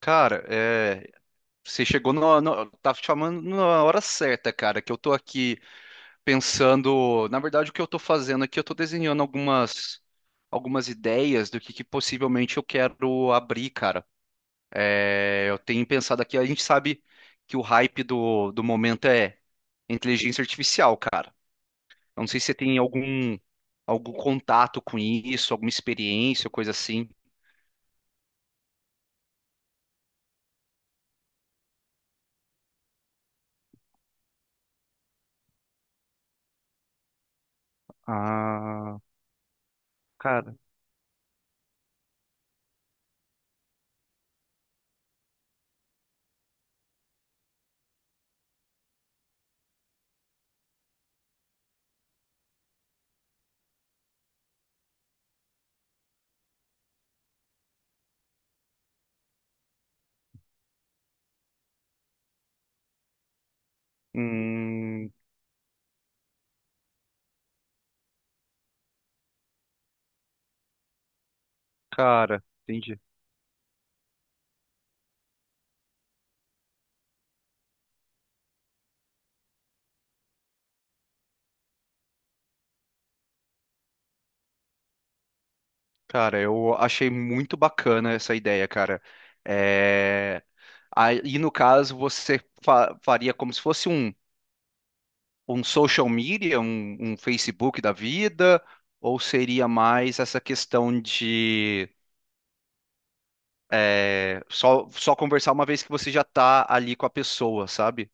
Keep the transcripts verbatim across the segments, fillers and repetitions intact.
Cara, é, você chegou, no, no- tá chamando na hora certa, cara, que eu tô aqui pensando. Na verdade, o que eu tô fazendo aqui, eu tô desenhando algumas algumas ideias do que, que possivelmente eu quero abrir, cara. É, eu tenho pensado aqui, a gente sabe que o hype do, do momento é inteligência artificial, cara. Eu não sei se você tem algum algum contato com isso, alguma experiência, coisa assim. Ah, cara. Hum. Cara, entendi. Cara, eu achei muito bacana essa ideia, cara. É... Aí, no caso, você fa- faria como se fosse um, um social media, um, um Facebook da vida, ou seria mais essa questão de é, só, só conversar uma vez que você já tá ali com a pessoa, sabe?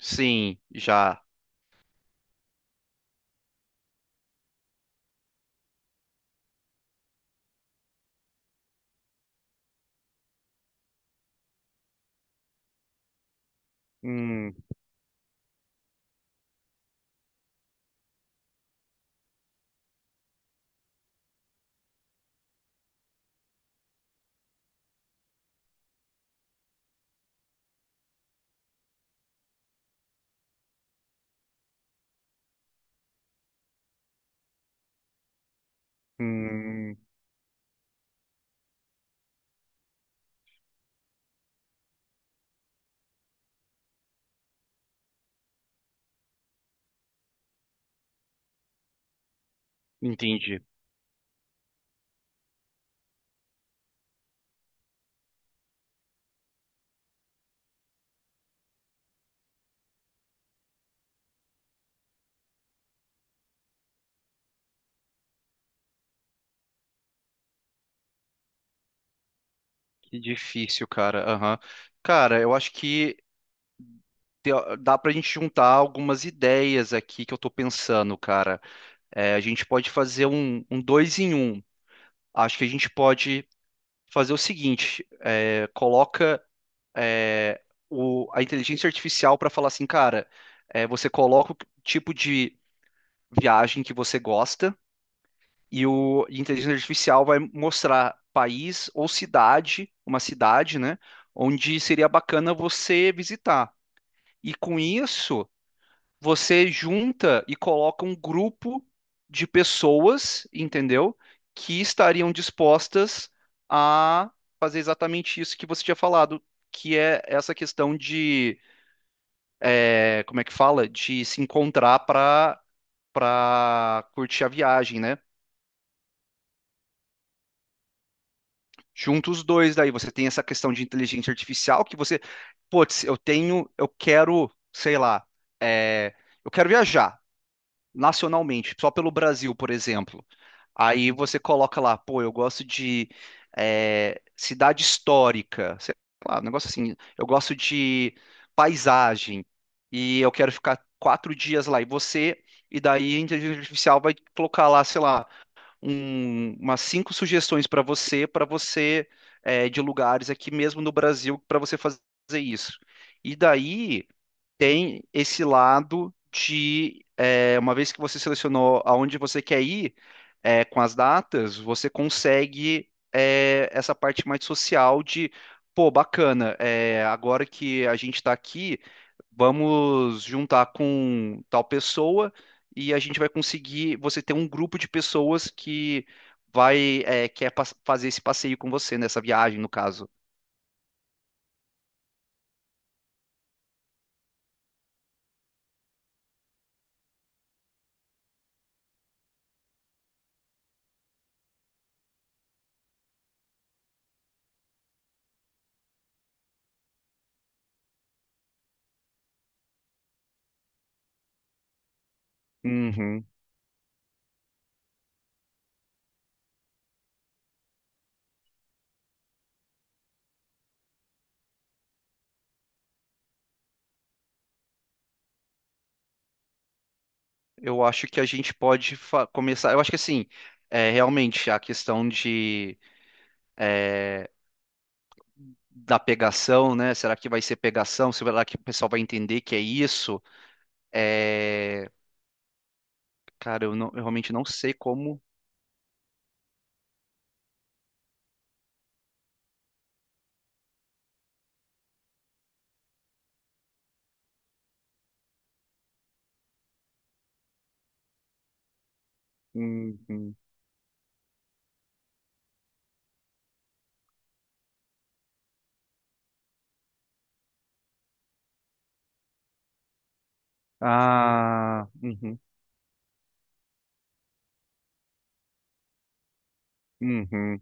Sim, já. Hum, hum, entendi. Que difícil, cara. Aham. Cara, eu acho que te- dá pra gente juntar algumas ideias aqui que eu tô pensando, cara. É, a gente pode fazer um, um dois em um. Acho que a gente pode fazer o seguinte: é, coloca é, o- a inteligência artificial pra falar assim, cara. É, você coloca o tipo de viagem que você gosta, e o e a inteligência artificial vai mostrar país ou cidade, uma cidade, né, onde seria bacana você visitar. E com isso você junta e coloca um grupo de pessoas, entendeu? Que estariam dispostas a fazer exatamente isso que você tinha falado, que é essa questão de, é, como é que fala? De se encontrar para para curtir a viagem, né? Junta os dois, daí você tem essa questão de inteligência artificial que você, putz, eu tenho, eu quero, sei lá, é, eu quero viajar nacionalmente, só pelo Brasil, por exemplo. Aí você coloca lá, pô, eu gosto de eh, cidade histórica, sei lá, um negócio assim. Eu gosto de paisagem e eu quero ficar quatro dias lá. E você, e daí a inteligência artificial vai colocar lá, sei lá, um- umas cinco sugestões para você, para você eh, de lugares aqui mesmo no Brasil para você fazer isso. E daí tem esse lado de, é, uma vez que você selecionou aonde você quer ir, é, com as datas, você consegue, é, essa parte mais social de, pô, bacana. É, agora que a gente está aqui, vamos juntar com tal pessoa, e a gente vai conseguir, você ter um grupo de pessoas que vai, é, quer pas- fazer esse passeio com você, nessa viagem, no caso. Uhum. Eu acho que a gente pode fa- começar. Eu acho que assim, é, realmente a questão de da pegação, né? Será que vai ser pegação? Será que o pessoal vai entender que é isso? É, Cara, eu, não- eu realmente não sei como. Uhum. Ah, uhum, uhum.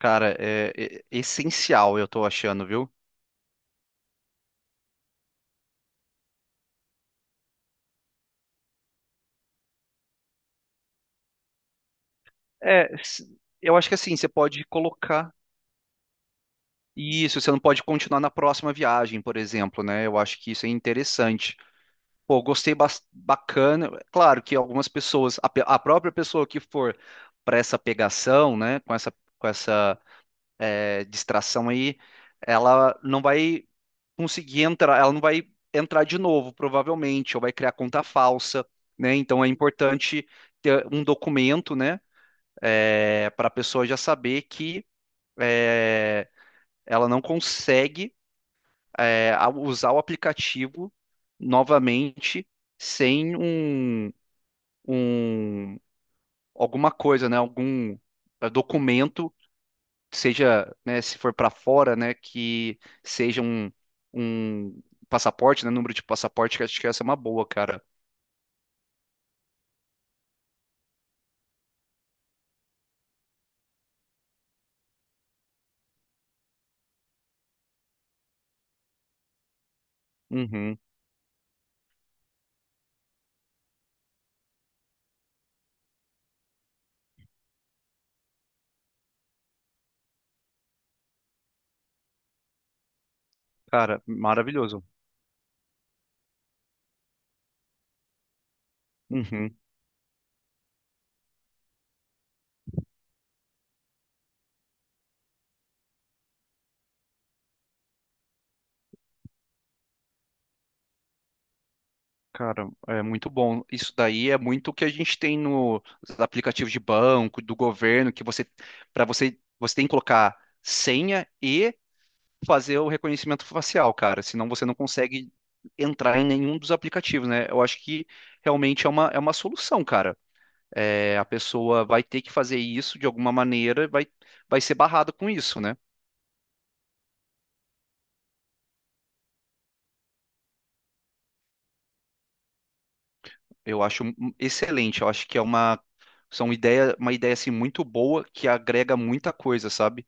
Cara, é, é- é essencial, eu tô achando, viu? É, s- eu acho que assim, você pode colocar isso, você não pode continuar na próxima viagem, por exemplo, né? Eu acho que isso é interessante. Pô, gostei, bas- bacana. Claro que algumas pessoas, a, pe- a própria pessoa que for para essa pegação, né, com essa, com essa eh, distração aí, ela não vai conseguir entrar, ela não vai entrar de novo, provavelmente, ou vai criar conta falsa, né? Então é importante ter um documento, né, para a pessoa já saber que, eh, ela não consegue, eh, a- usar o aplicativo novamente sem um um alguma coisa, né, algum eh, documento, seja, né, se for para fora, né, que seja um, um passaporte, né, número de passaporte, que acho que essa é uma boa, cara. Uhum, cara, maravilhoso. Uhum, cara, é muito bom. Isso daí é muito o que a gente tem nos aplicativos de banco, do governo, que você, para você, você tem que colocar senha e fazer o reconhecimento facial, cara. Senão você não consegue entrar em nenhum dos aplicativos, né? Eu acho que realmente é uma, é uma solução, cara. É, a pessoa vai ter que fazer isso de alguma maneira, vai, vai ser barrada com isso, né? Eu acho um- um excelente. Eu acho que é uma, são ideia, uma ideia assim muito boa, que agrega muita coisa, sabe?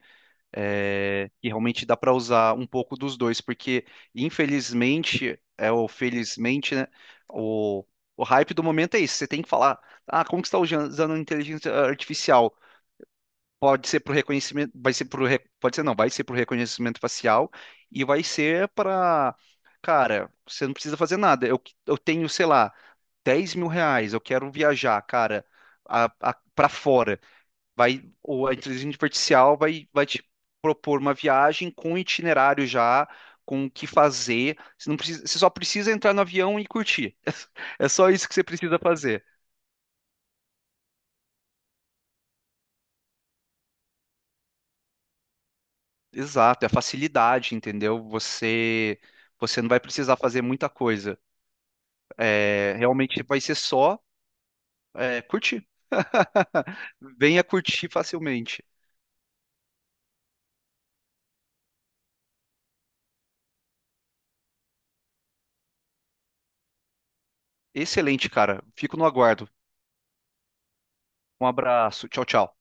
é, E realmente dá para usar um pouco dos dois, porque infelizmente, é, ou felizmente, né, o, o hype do momento é isso. Você tem que falar: ah, como que você está usando inteligência artificial? Pode ser para o reconhecimento, vai ser pro, re- pode ser não, vai ser para o reconhecimento facial, e vai ser para... Cara, você não precisa fazer nada. Eu, eu tenho, sei lá, dez mil reais, eu quero viajar, cara, a, a, para fora, vai, ou a inteligência artificial vai, vai te propor uma viagem com um itinerário já, com o que fazer. Você não precisa, você só precisa entrar no avião e curtir. É só isso que você precisa fazer. Exato, é a facilidade, entendeu? Você você não vai precisar fazer muita coisa. É, realmente vai ser só, é, curtir. Venha curtir facilmente. Excelente, cara. Fico no aguardo. Um abraço. Tchau, tchau.